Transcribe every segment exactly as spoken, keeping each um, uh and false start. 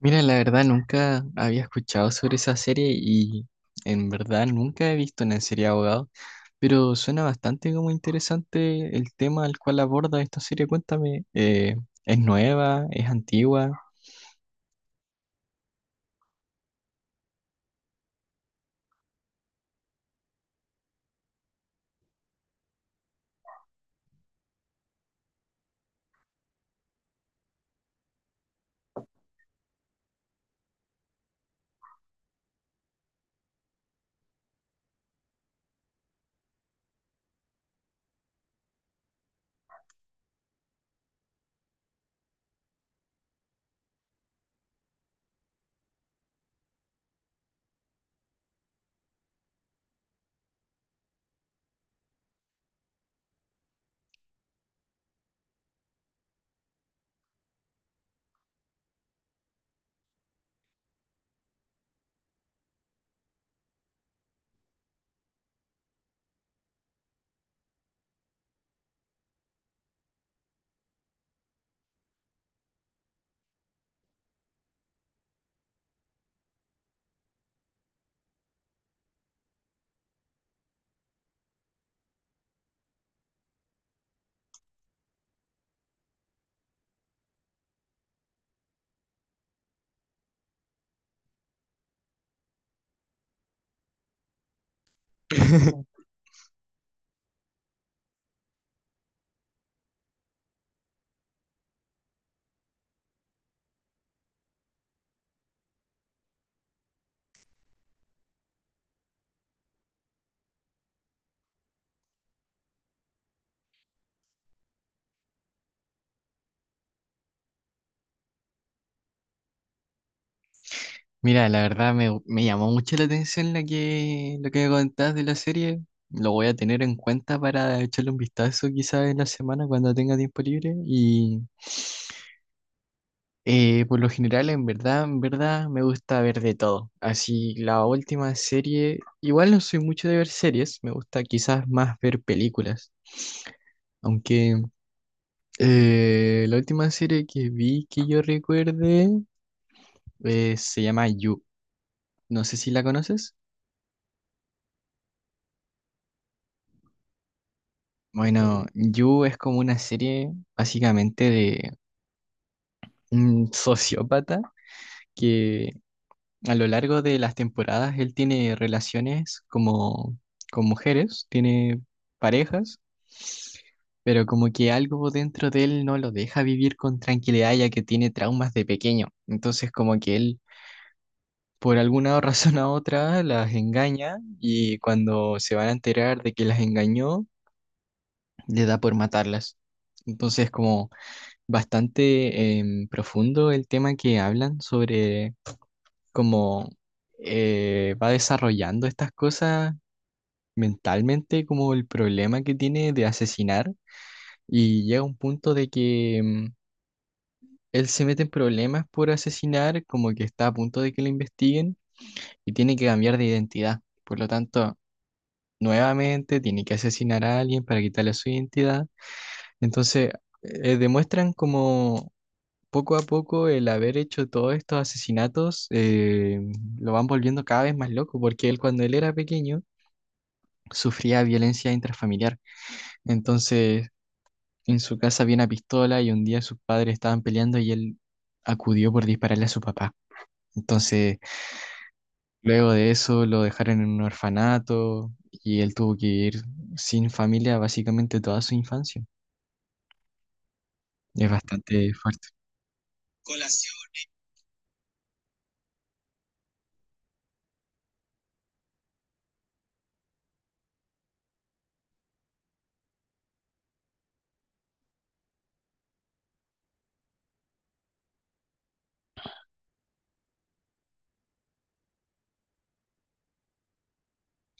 Mira, la verdad nunca había escuchado sobre esa serie y en verdad nunca he visto una serie de abogados, pero suena bastante como interesante el tema al cual aborda esta serie. Cuéntame, eh, ¿es nueva? ¿Es antigua? Mira, la verdad me, me llamó mucho la atención la que, lo que me contás de la serie. Lo voy a tener en cuenta para echarle un vistazo quizás en la semana cuando tenga tiempo libre y... Eh, por lo general, en verdad, en verdad, me gusta ver de todo. Así, la última serie, igual no soy mucho de ver series, me gusta quizás más ver películas. Aunque eh, la última serie que vi que yo recuerde eh, se llama You. No sé si la conoces. Bueno, Mm. You es como una serie básicamente de un sociópata que a lo largo de las temporadas él tiene relaciones como con mujeres, tiene parejas, pero como que algo dentro de él no lo deja vivir con tranquilidad ya que tiene traumas de pequeño. Entonces como que él por alguna razón u otra las engaña y cuando se van a enterar de que las engañó, le da por matarlas. Entonces como bastante em, profundo el tema que hablan sobre como eh, va desarrollando estas cosas mentalmente como el problema que tiene de asesinar y llega a un punto de que mm, él se mete en problemas por asesinar, como que está a punto de que lo investiguen y tiene que cambiar de identidad. Por lo tanto, nuevamente tiene que asesinar a alguien para quitarle su identidad. Entonces, eh, demuestran como poco a poco el haber hecho todos estos asesinatos eh, lo van volviendo cada vez más loco, porque él cuando él era pequeño sufría violencia intrafamiliar. Entonces, en su casa había una pistola y un día sus padres estaban peleando y él acudió por dispararle a su papá. Entonces, luego de eso lo dejaron en un orfanato y él tuvo que ir sin familia básicamente toda su infancia. Es bastante fuerte.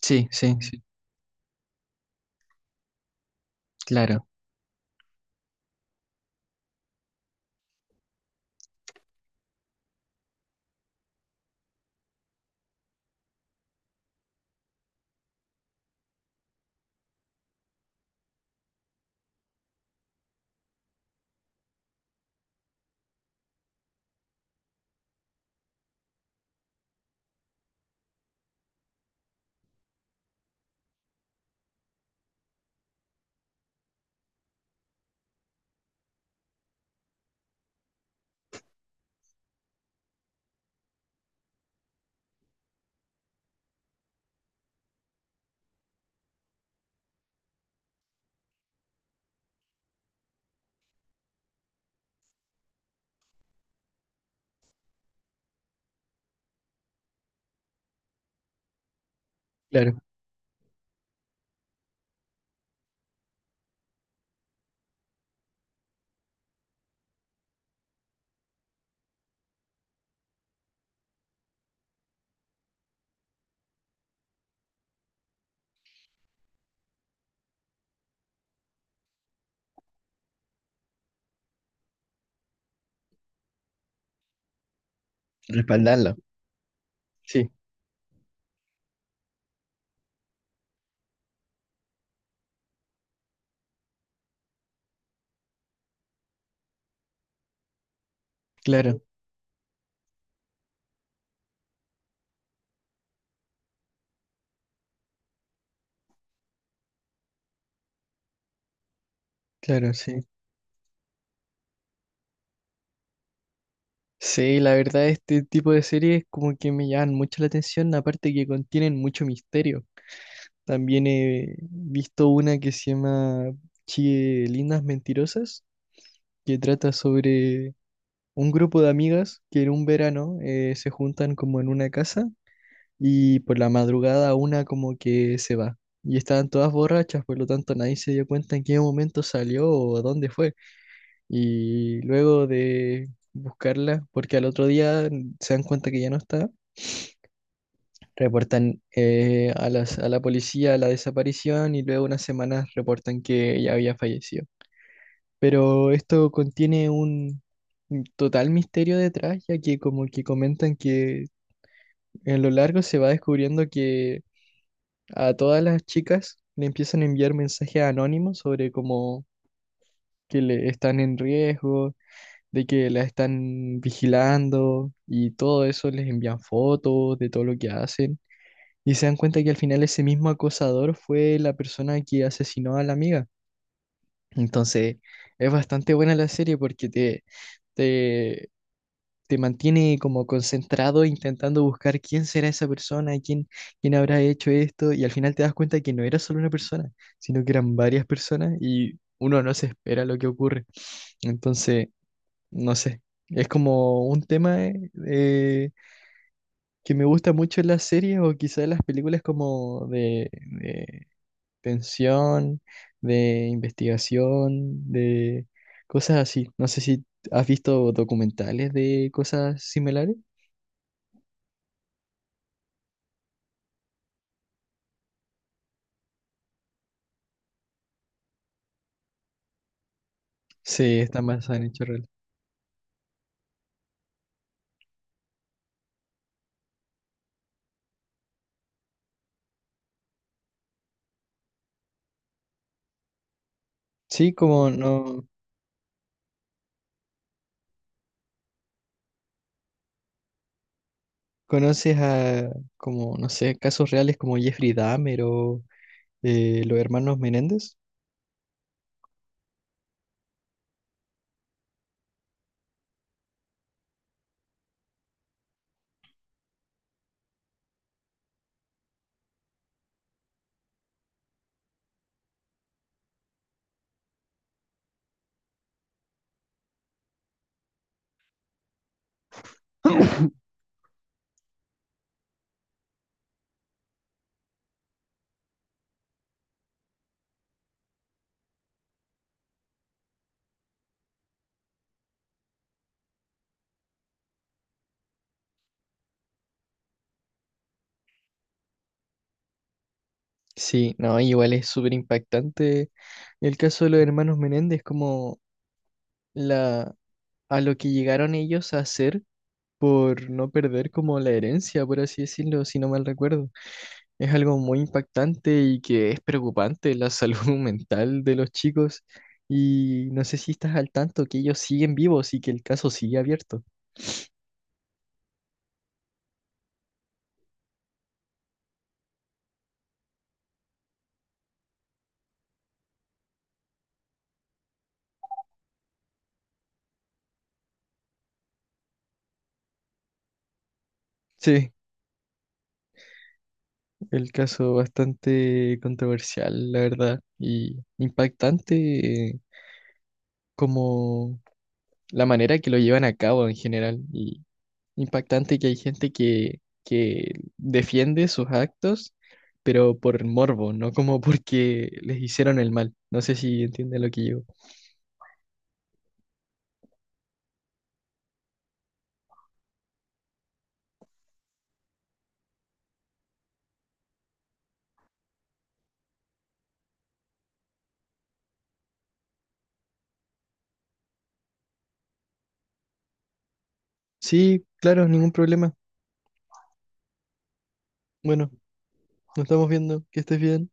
Sí, sí, sí, claro. Claro, respaldarlo. Sí, claro, claro, sí. Sí, la verdad este tipo de series como que me llaman mucho la atención, aparte que contienen mucho misterio. También he visto una que se llama Chie Lindas Mentirosas, que trata sobre un grupo de amigas que en un verano eh, se juntan como en una casa y por la madrugada una como que se va. Y estaban todas borrachas, por lo tanto nadie se dio cuenta en qué momento salió o a dónde fue. Y luego de buscarla, porque al otro día se dan cuenta que ya no está, reportan eh, a las- a la policía la desaparición y luego unas semanas reportan que ella había fallecido. Pero esto contiene un total misterio detrás, ya que como que comentan que en lo largo se va descubriendo que a todas las chicas le empiezan a enviar mensajes anónimos sobre cómo que le están en riesgo, de que la están vigilando y todo eso les envían fotos de todo lo que hacen. Y se dan cuenta que al final ese mismo acosador fue la persona que asesinó a la amiga. Entonces, es bastante buena la serie porque te, te, te mantiene como concentrado intentando buscar quién será esa persona, quién, quién habrá hecho esto, y al final te das cuenta que no era solo una persona, sino que eran varias personas y uno no se espera lo que ocurre. Entonces, no sé, es como un tema eh, eh, que me gusta mucho en las series o quizás en las películas como de, pensión, de investigación, de cosas así. No sé si has visto documentales de cosas similares. Sí, están basadas en hechos reales. Sí, como no conoces a, como, no sé, casos reales como Jeffrey Dahmer o eh, los hermanos Menéndez. Sí, no, igual es súper impactante el caso de los hermanos Menéndez, como la, a lo que llegaron ellos a hacer por no perder como la herencia, por así decirlo, si no mal recuerdo. Es algo muy impactante y que es preocupante la salud mental de los chicos. Y no sé si estás al tanto que ellos siguen vivos y que el caso sigue abierto. Sí, el caso bastante controversial, la verdad, y impactante eh, como la manera que lo llevan a cabo en general. Y impactante que hay gente que, que defiende sus actos, pero por morbo, no como porque les hicieron el mal. No sé si entiende lo que yo. Sí, claro, ningún problema. Bueno, nos estamos viendo. Que estés bien.